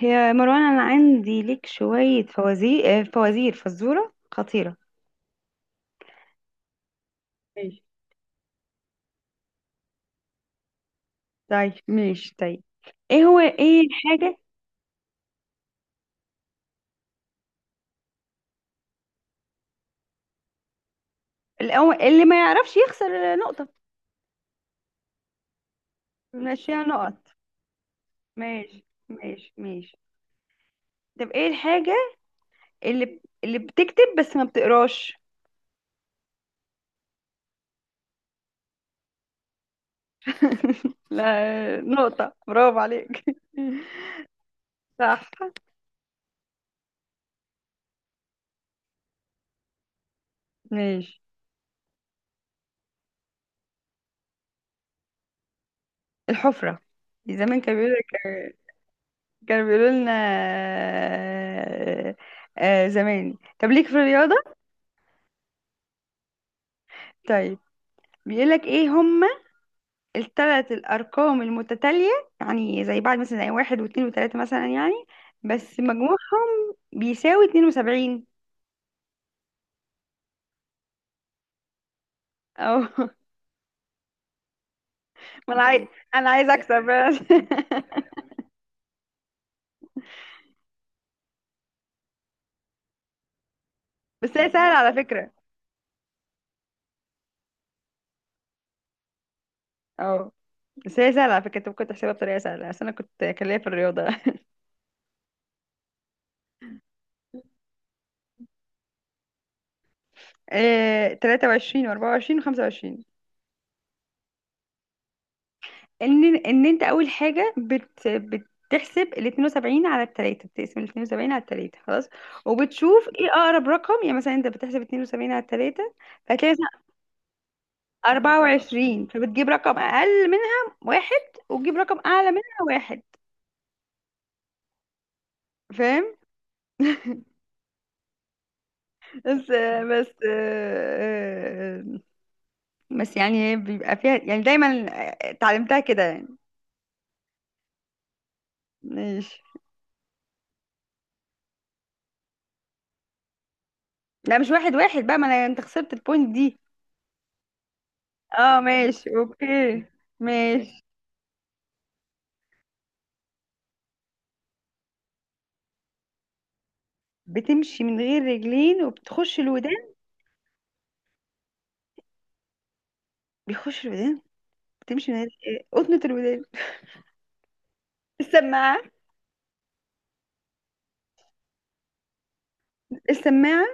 هي مروان، انا عندي لك شوية فوازير فوازير فزورة خطيرة. ماشي، طيب، ماشي، طيب. ايه هو ايه الحاجة؟ اللي ما يعرفش يخسر نقطة. بنمشيها نقط. ماشي، ماشي، ماشي. طب ايه الحاجة اللي بتكتب بس ما بتقراش؟ لا، نقطة، برافو عليك. صح. ماشي. الحفرة، زمان كانوا بيقولوا لنا آه، آه، زمان. طب ليك في الرياضة؟ طيب. بيقولك ايه هما الثلاث الارقام المتتالية، يعني زي بعض، مثلا زي واحد واثنين وثلاثة مثلا يعني، بس مجموعهم بيساوي 72. اه. ما انا عايز اكسب. بس هي سهلة على فكرة. اه، بس هي سهلة على فكرة، انت ممكن تحسبها بطريقة سهلة، بس انا كنت كان ليا في الرياضة. آه، 23 و24 و25. ان ان انت اول حاجه بتحسب ال 72 على التلاتة، بتقسم ال 72 على التلاتة خلاص، وبتشوف ايه اقرب رقم، يعني مثلا انت بتحسب 72 على التلاتة فهتلاقي مثلا 24، فبتجيب رقم اقل منها واحد وتجيب رقم اعلى منها واحد. فاهم؟ بس بس بس يعني هي بيبقى فيها يعني دايما، اتعلمتها كده يعني. ماشي. لا، مش واحد واحد بقى، ما انا انت خسرت البوينت دي. اه، ماشي، اوكي. ماشي. بتمشي من غير رجلين وبتخش الودان. بيخش الودان. بتمشي من غير إيه؟ قطنة الودان. السماعة. السماعة.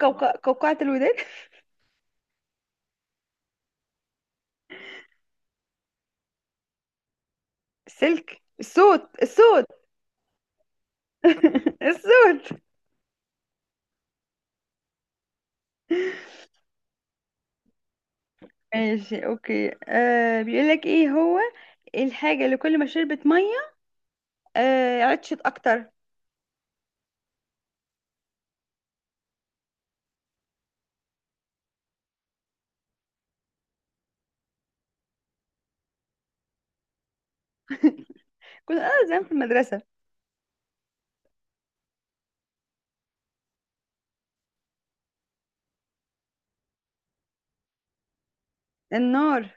قوقعة الودان. السلك، الصوت، الصوت. الصوت. ماشي، اوكي. آه، بيقول لك ايه هو الحاجة اللي كل ما شربت مية عطشت اكتر. كنت انا زمان في المدرسة. النار.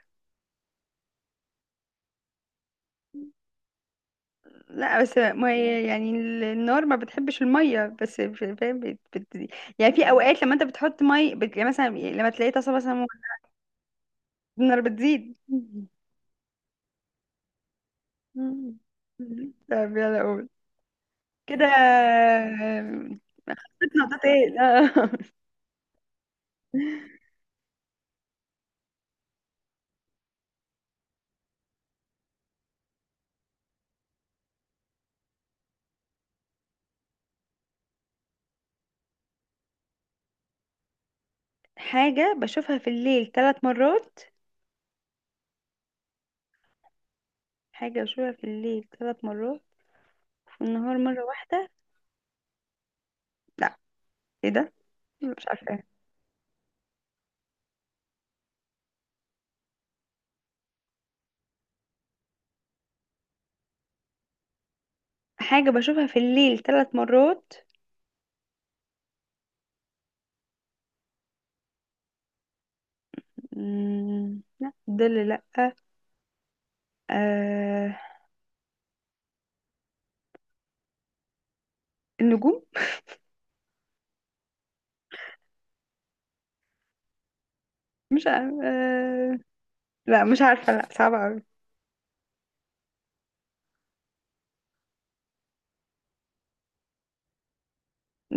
لا، بس ما هي يعني النار ما بتحبش الميه، بس فاهم يعني في اوقات لما انت بتحط مي يعني مثلا لما تلاقي طاسه مثلا، النار بتزيد. مم. طب يلا قول كده. آه، نقطتين آه. حاجه بشوفها في الليل ثلاث مرات. حاجه بشوفها في الليل ثلاث مرات وفي النهار مره واحده. لا، ايه ده، مش عارفه. حاجه بشوفها في الليل ثلاث مرات. مم، لا، ظل، لا. آه... النجوم. مش عارفة. لا، مش عارفة، لا، صعبة أوي.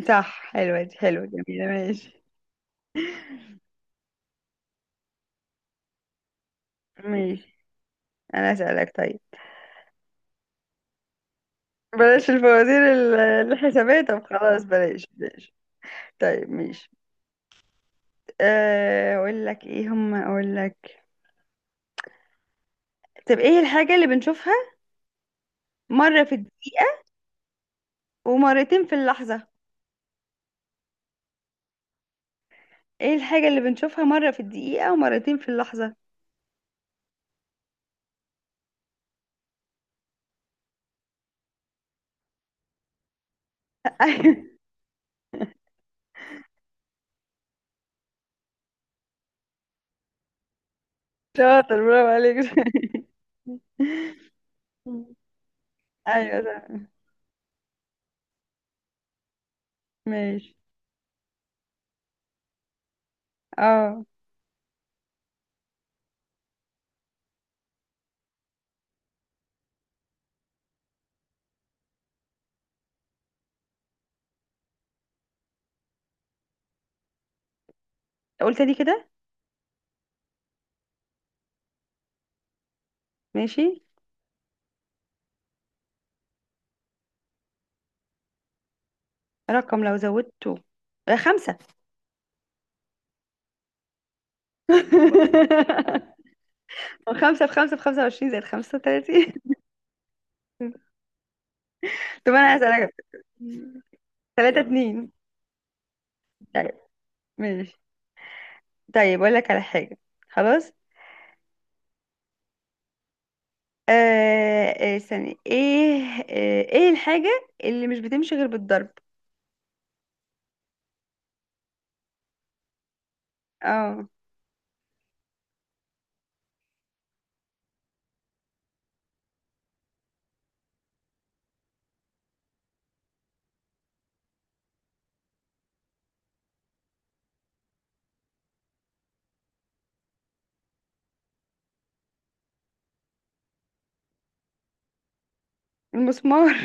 صح، حلوة دي، حلوة، جميلة. ماشي. ماشي. أنا أسألك طيب. بلاش الفوازير الحسابية، طب خلاص، بلاش بلاش. طيب، ماشي. آه، أقول لك إيه هم أقول لك. طب إيه الحاجة اللي بنشوفها مرة في الد... ومرتين في اللحظة. إيه الحاجة اللي بنشوفها مرة في الدقيقة ومرتين في اللحظة؟ أيوة. شاطر، برافو عليك. أيوة، صح. ماشي. اه، قلت لي كده. ماشي. رقم لو زودته آه، 5. 5 في 5 في 25 زائد 35. طب أنا هسألك. 3-2. طيب، ماشي. طيب أقول لك على حاجة. خلاص. آه. آه، استني ايه. آه، ايه الحاجة اللي مش بتمشي غير بالضرب؟ اه. المسمار.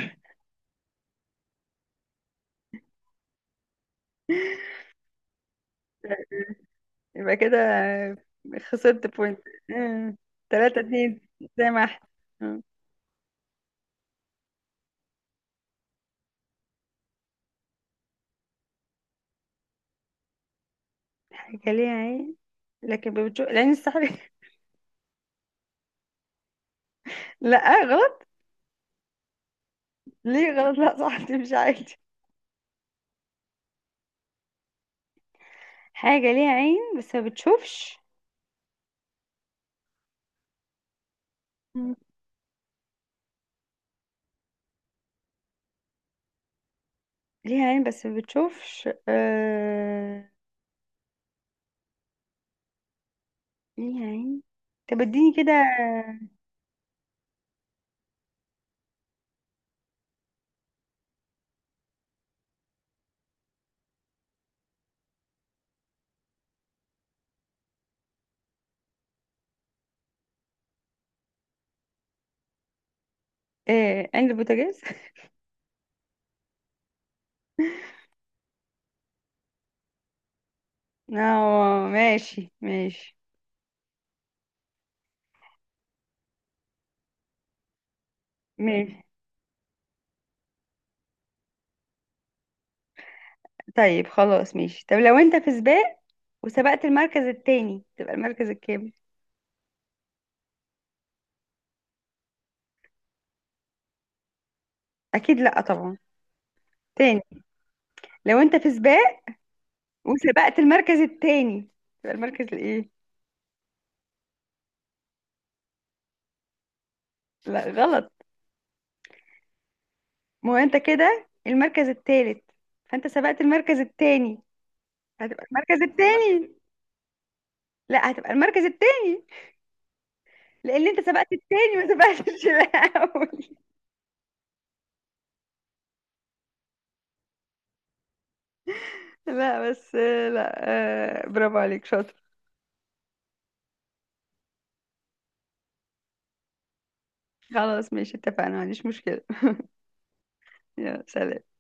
يبقى كده خسرت بوينت. آه، 3-2 زي ما احنا. آه. حاجة ليها عين لكن بتشوف العين السحرية. لا، غلط. ليه غلط؟ لا صح، تمشي عادي. حاجة ليها عين بس ما بتشوفش. مم. ليها عين بس ما بتشوفش. آه... ليها عين. طب اديني كده. ايه، عين البوتاجاز. اه، ماشي، ماشي، ماشي. طيب، خلاص، ماشي. طب لو انت في سباق وسبقت المركز التاني، تبقى المركز الكام؟ اكيد لا طبعا، تاني. لو انت في سباق وسبقت المركز التاني، تبقى المركز الايه؟ لا، غلط. ما هو انت كده المركز الثالث، فانت سبقت المركز الثاني، هتبقى المركز الثاني. لا، هتبقى المركز الثاني، لان انت سبقت الثاني ما سبقتش الاول. لا، بس. لا. آه، برافو عليك، شاطر. خلاص، ماشي، اتفقنا، ما عنديش مشكلة. يلا، سلام.